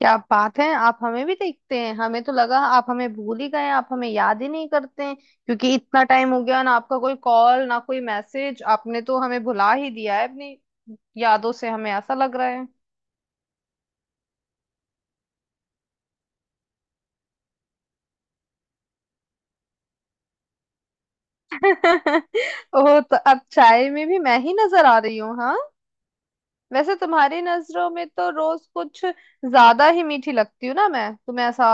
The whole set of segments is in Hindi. क्या बात है। आप हमें भी देखते हैं? हमें तो लगा आप हमें भूल ही गए हैं, आप हमें याद ही नहीं करते हैं क्योंकि इतना टाइम हो गया ना। आपका कोई कॉल ना कोई मैसेज, आपने तो हमें भुला ही दिया है अपनी यादों से, हमें ऐसा लग रहा है। ओ, तो अब चाय में भी मैं ही नजर आ रही हूँ, हाँ। वैसे तुम्हारी नजरों में तो रोज कुछ ज्यादा ही मीठी लगती हूँ ना मैं तुम्हें, ऐसा।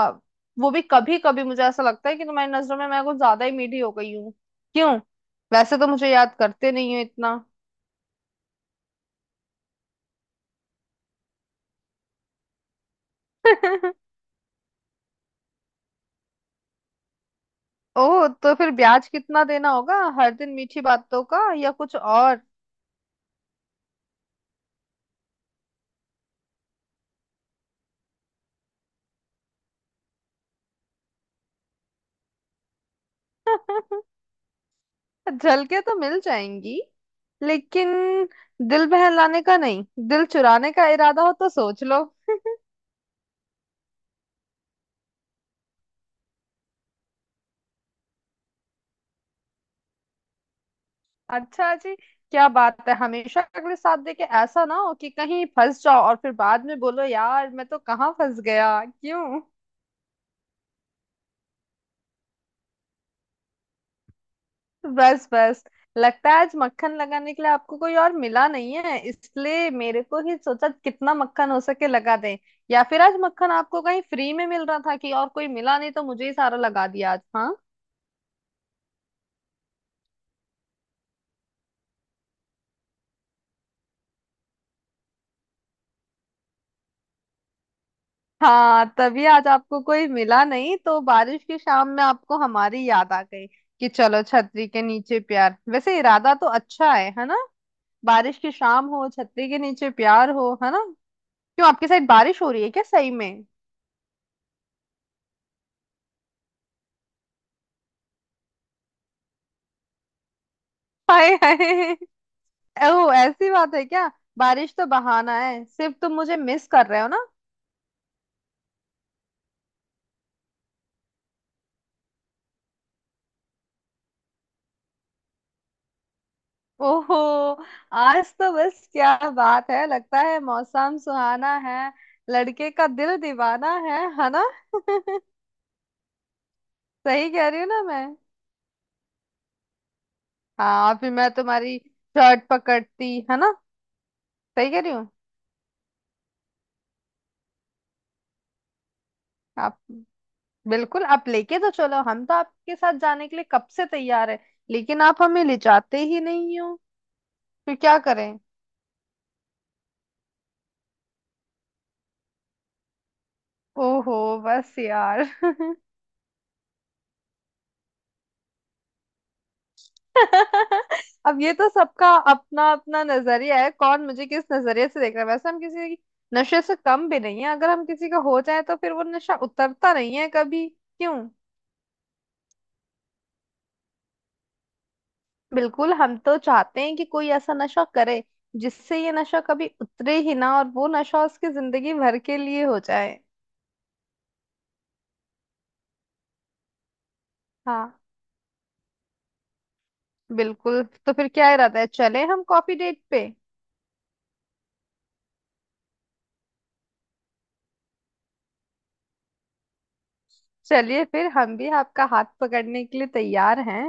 वो भी कभी कभी मुझे ऐसा लगता है कि तुम्हारी नजरों में मैं कुछ ज्यादा ही मीठी हो गई हूँ। क्यों? वैसे तो मुझे याद करते नहीं हो इतना। ओ, तो फिर ब्याज कितना देना होगा? हर दिन मीठी बातों का या कुछ और? झलके तो मिल जाएंगी। लेकिन दिल बहलाने का नहीं, दिल चुराने का इरादा हो तो सोच लो। अच्छा जी, क्या बात है। हमेशा अगले साथ दे के ऐसा ना हो कि कहीं फंस जाओ और फिर बाद में बोलो यार मैं तो कहाँ फंस गया, क्यों। बस बस, लगता है आज मक्खन लगाने के लिए आपको कोई और मिला नहीं है, इसलिए मेरे को ही सोचा कितना मक्खन हो सके लगा दें। या फिर आज मक्खन आपको कहीं फ्री में मिल रहा था कि और कोई मिला नहीं तो मुझे ही सारा लगा दिया आज, हाँ। हाँ, तभी आज आपको कोई मिला नहीं तो बारिश की शाम में आपको हमारी याद आ गई कि चलो छतरी के नीचे प्यार। वैसे इरादा तो अच्छा है ना। बारिश की शाम हो, छतरी के नीचे प्यार हो, है ना। क्यों, आपकी साइड बारिश हो रही है क्या सही में? हाय हाय, ओह, ऐसी बात है क्या? बारिश तो बहाना है, सिर्फ तुम मुझे मिस कर रहे हो ना। ओहो, आज तो बस क्या बात है। लगता है मौसम सुहाना है, लड़के का दिल दीवाना है ना। सही कह रही हूँ ना मैं? हाँ, फिर मैं तुम्हारी शर्ट पकड़ती है ना। सही कह रही हूँ। आप, बिल्कुल आप लेके तो चलो, हम तो आपके साथ जाने के लिए कब से तैयार है। लेकिन आप हमें ले जाते ही नहीं हो। फिर क्या करें? ओहो, बस यार। अब ये तो सबका अपना अपना नजरिया है, कौन मुझे किस नजरिए से देख रहा है। वैसे हम किसी की नशे से कम भी नहीं है, अगर हम किसी का हो जाए तो फिर वो नशा उतरता नहीं है कभी, क्यों। बिल्कुल, हम तो चाहते हैं कि कोई ऐसा नशा करे जिससे ये नशा कभी उतरे ही ना, और वो नशा उसकी जिंदगी भर के लिए हो जाए। हाँ, बिल्कुल। तो फिर क्या इरादा है, चले हम कॉफी डेट पे? चलिए फिर, हम भी आपका हाथ पकड़ने के लिए तैयार हैं।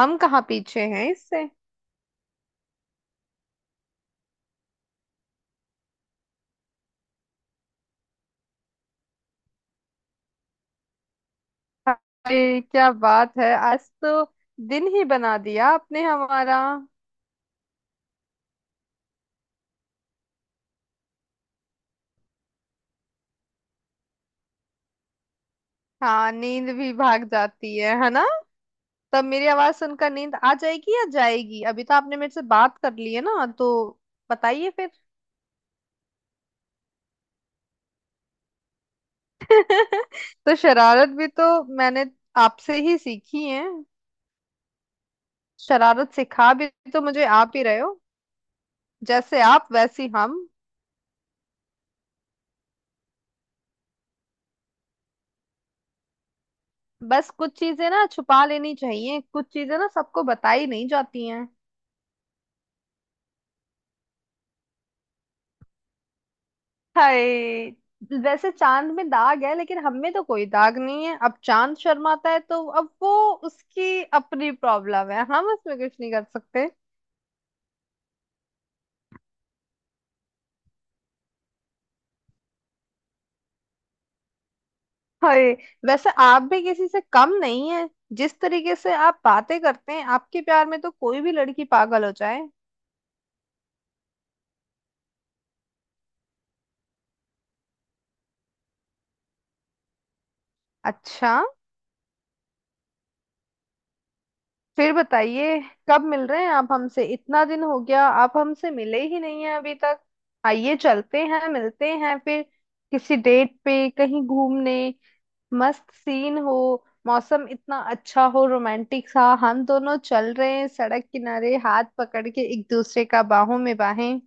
हम कहाँ पीछे हैं इससे। अरे क्या बात है, आज तो दिन ही बना दिया आपने हमारा। हाँ, नींद भी भाग जाती है ना। तब मेरी आवाज सुनकर नींद आ जाएगी या जाएगी? अभी तो आपने मेरे से बात कर ली है ना तो बताइए फिर। तो शरारत भी तो मैंने आपसे ही सीखी है। शरारत सिखा भी तो मुझे आप ही रहे हो। जैसे आप, वैसी हम। बस कुछ चीजें ना छुपा लेनी चाहिए, कुछ चीजें ना सबको बताई नहीं जाती हैं। हाय, वैसे चांद में दाग है लेकिन हम में तो कोई दाग नहीं है। अब चांद शर्माता है तो अब वो उसकी अपनी प्रॉब्लम है, हम उसमें कुछ नहीं कर सकते। हाय, वैसे आप भी किसी से कम नहीं है। जिस तरीके से आप बातें करते हैं, आपके प्यार में तो कोई भी लड़की पागल हो जाए। अच्छा, फिर बताइए कब मिल रहे हैं आप हमसे? इतना दिन हो गया, आप हमसे मिले ही नहीं हैं अभी तक। आइए चलते हैं, मिलते हैं फिर किसी डेट पे कहीं घूमने। मस्त सीन हो, मौसम इतना अच्छा हो, रोमांटिक सा, हम दोनों चल रहे हैं सड़क किनारे हाथ पकड़ के एक दूसरे का, बाहों में बाहें।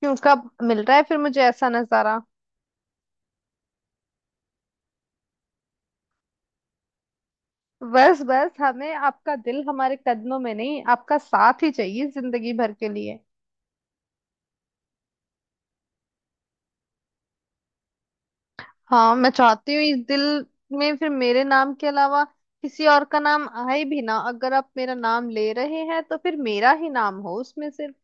क्यों, कब मिल रहा है फिर मुझे ऐसा नजारा? बस बस, हमें आपका दिल हमारे कदमों में नहीं, आपका साथ ही चाहिए जिंदगी भर के लिए। हाँ, मैं चाहती हूँ इस दिल में फिर मेरे नाम के अलावा किसी और का नाम आए भी ना। अगर आप मेरा नाम ले रहे हैं तो फिर मेरा ही नाम हो उसमें सिर्फ।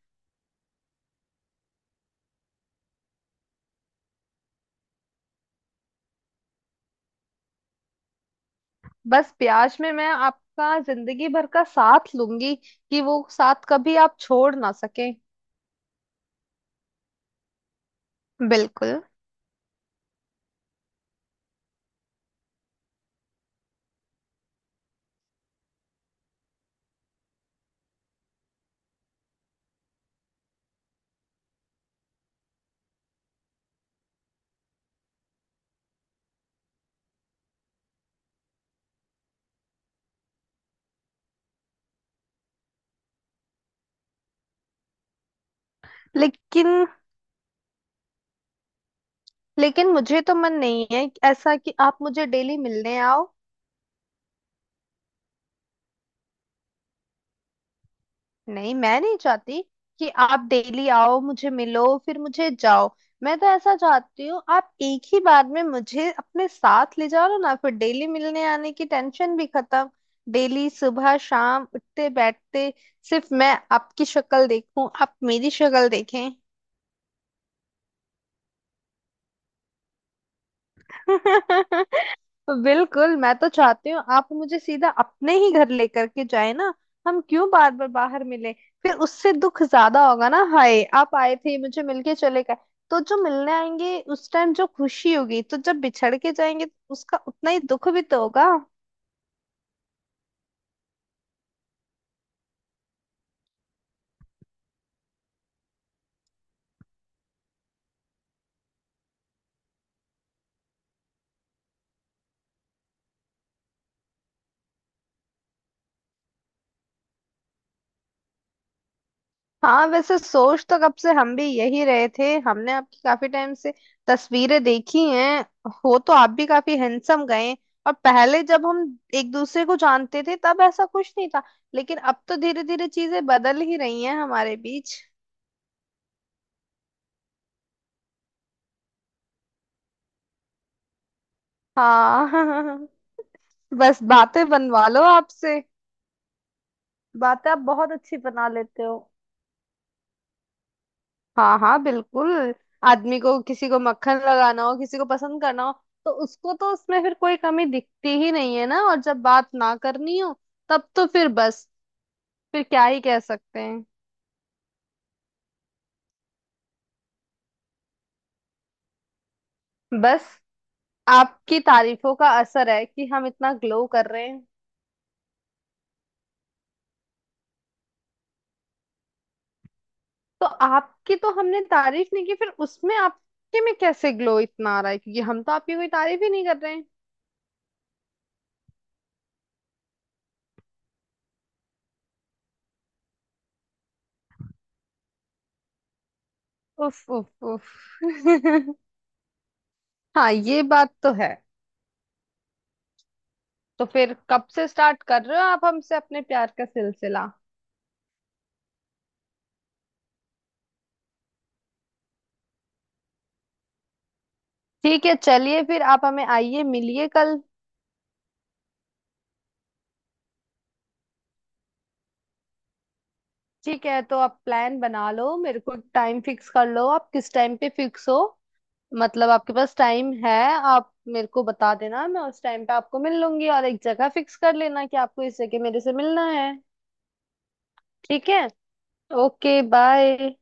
बस, प्यास में मैं आपका जिंदगी भर का साथ लूंगी कि वो साथ कभी आप छोड़ ना सके। बिल्कुल। लेकिन, लेकिन मुझे तो मन नहीं है ऐसा कि आप मुझे डेली मिलने आओ। नहीं, मैं नहीं चाहती कि आप डेली आओ मुझे मिलो फिर मुझे जाओ। मैं तो ऐसा चाहती हूँ आप एक ही बार में मुझे अपने साथ ले जाओ ना, फिर डेली मिलने आने की टेंशन भी खत्म। डेली सुबह शाम उठते बैठते सिर्फ मैं आपकी शक्ल देखूं, आप मेरी शक्ल देखें। बिल्कुल, मैं तो चाहती हूँ आप मुझे सीधा अपने ही घर लेकर के जाए ना। हम क्यों बार बार बाहर मिले? फिर उससे दुख ज्यादा होगा ना, हाय आप आए थे मुझे मिलके चले गए। तो जो मिलने आएंगे उस टाइम जो खुशी होगी, तो जब बिछड़ के जाएंगे तो उसका उतना ही दुख भी तो होगा। हाँ, वैसे सोच तो कब से हम भी यही रहे थे। हमने आपकी काफी टाइम से तस्वीरें देखी हैं, हो तो आप भी काफी हैंडसम गए। और पहले जब हम एक दूसरे को जानते थे तब ऐसा कुछ नहीं था, लेकिन अब तो धीरे धीरे चीजें बदल ही रही हैं हमारे बीच। हाँ। बस, बातें बनवा लो आपसे। बातें आप बहुत अच्छी बना लेते हो। हाँ हाँ, बिल्कुल। आदमी को किसी को मक्खन लगाना हो, किसी को पसंद करना हो तो उसको तो उसमें फिर कोई कमी दिखती ही नहीं है ना। और जब बात ना करनी हो तब तो फिर बस, फिर क्या ही कह सकते हैं। बस आपकी तारीफों का असर है कि हम इतना ग्लो कर रहे हैं। तो आपकी तो हमने तारीफ नहीं की, फिर उसमें आपके में कैसे ग्लो इतना आ रहा है, क्योंकि हम तो आपकी कोई तारीफ ही नहीं कर रहे हैं। उफ उफ उफ। हाँ, ये बात तो है। तो फिर कब से स्टार्ट कर रहे हो आप हमसे अपने प्यार का सिलसिला? ठीक है, चलिए फिर आप हमें आइए मिलिए कल। ठीक है, तो आप प्लान बना लो, मेरे को टाइम फिक्स कर लो। आप किस टाइम पे फिक्स हो, मतलब आपके पास टाइम है? आप मेरे को बता देना, मैं उस टाइम पे आपको मिल लूंगी। और एक जगह फिक्स कर लेना कि आपको इस जगह मेरे से मिलना है। ठीक है, ओके, बाय।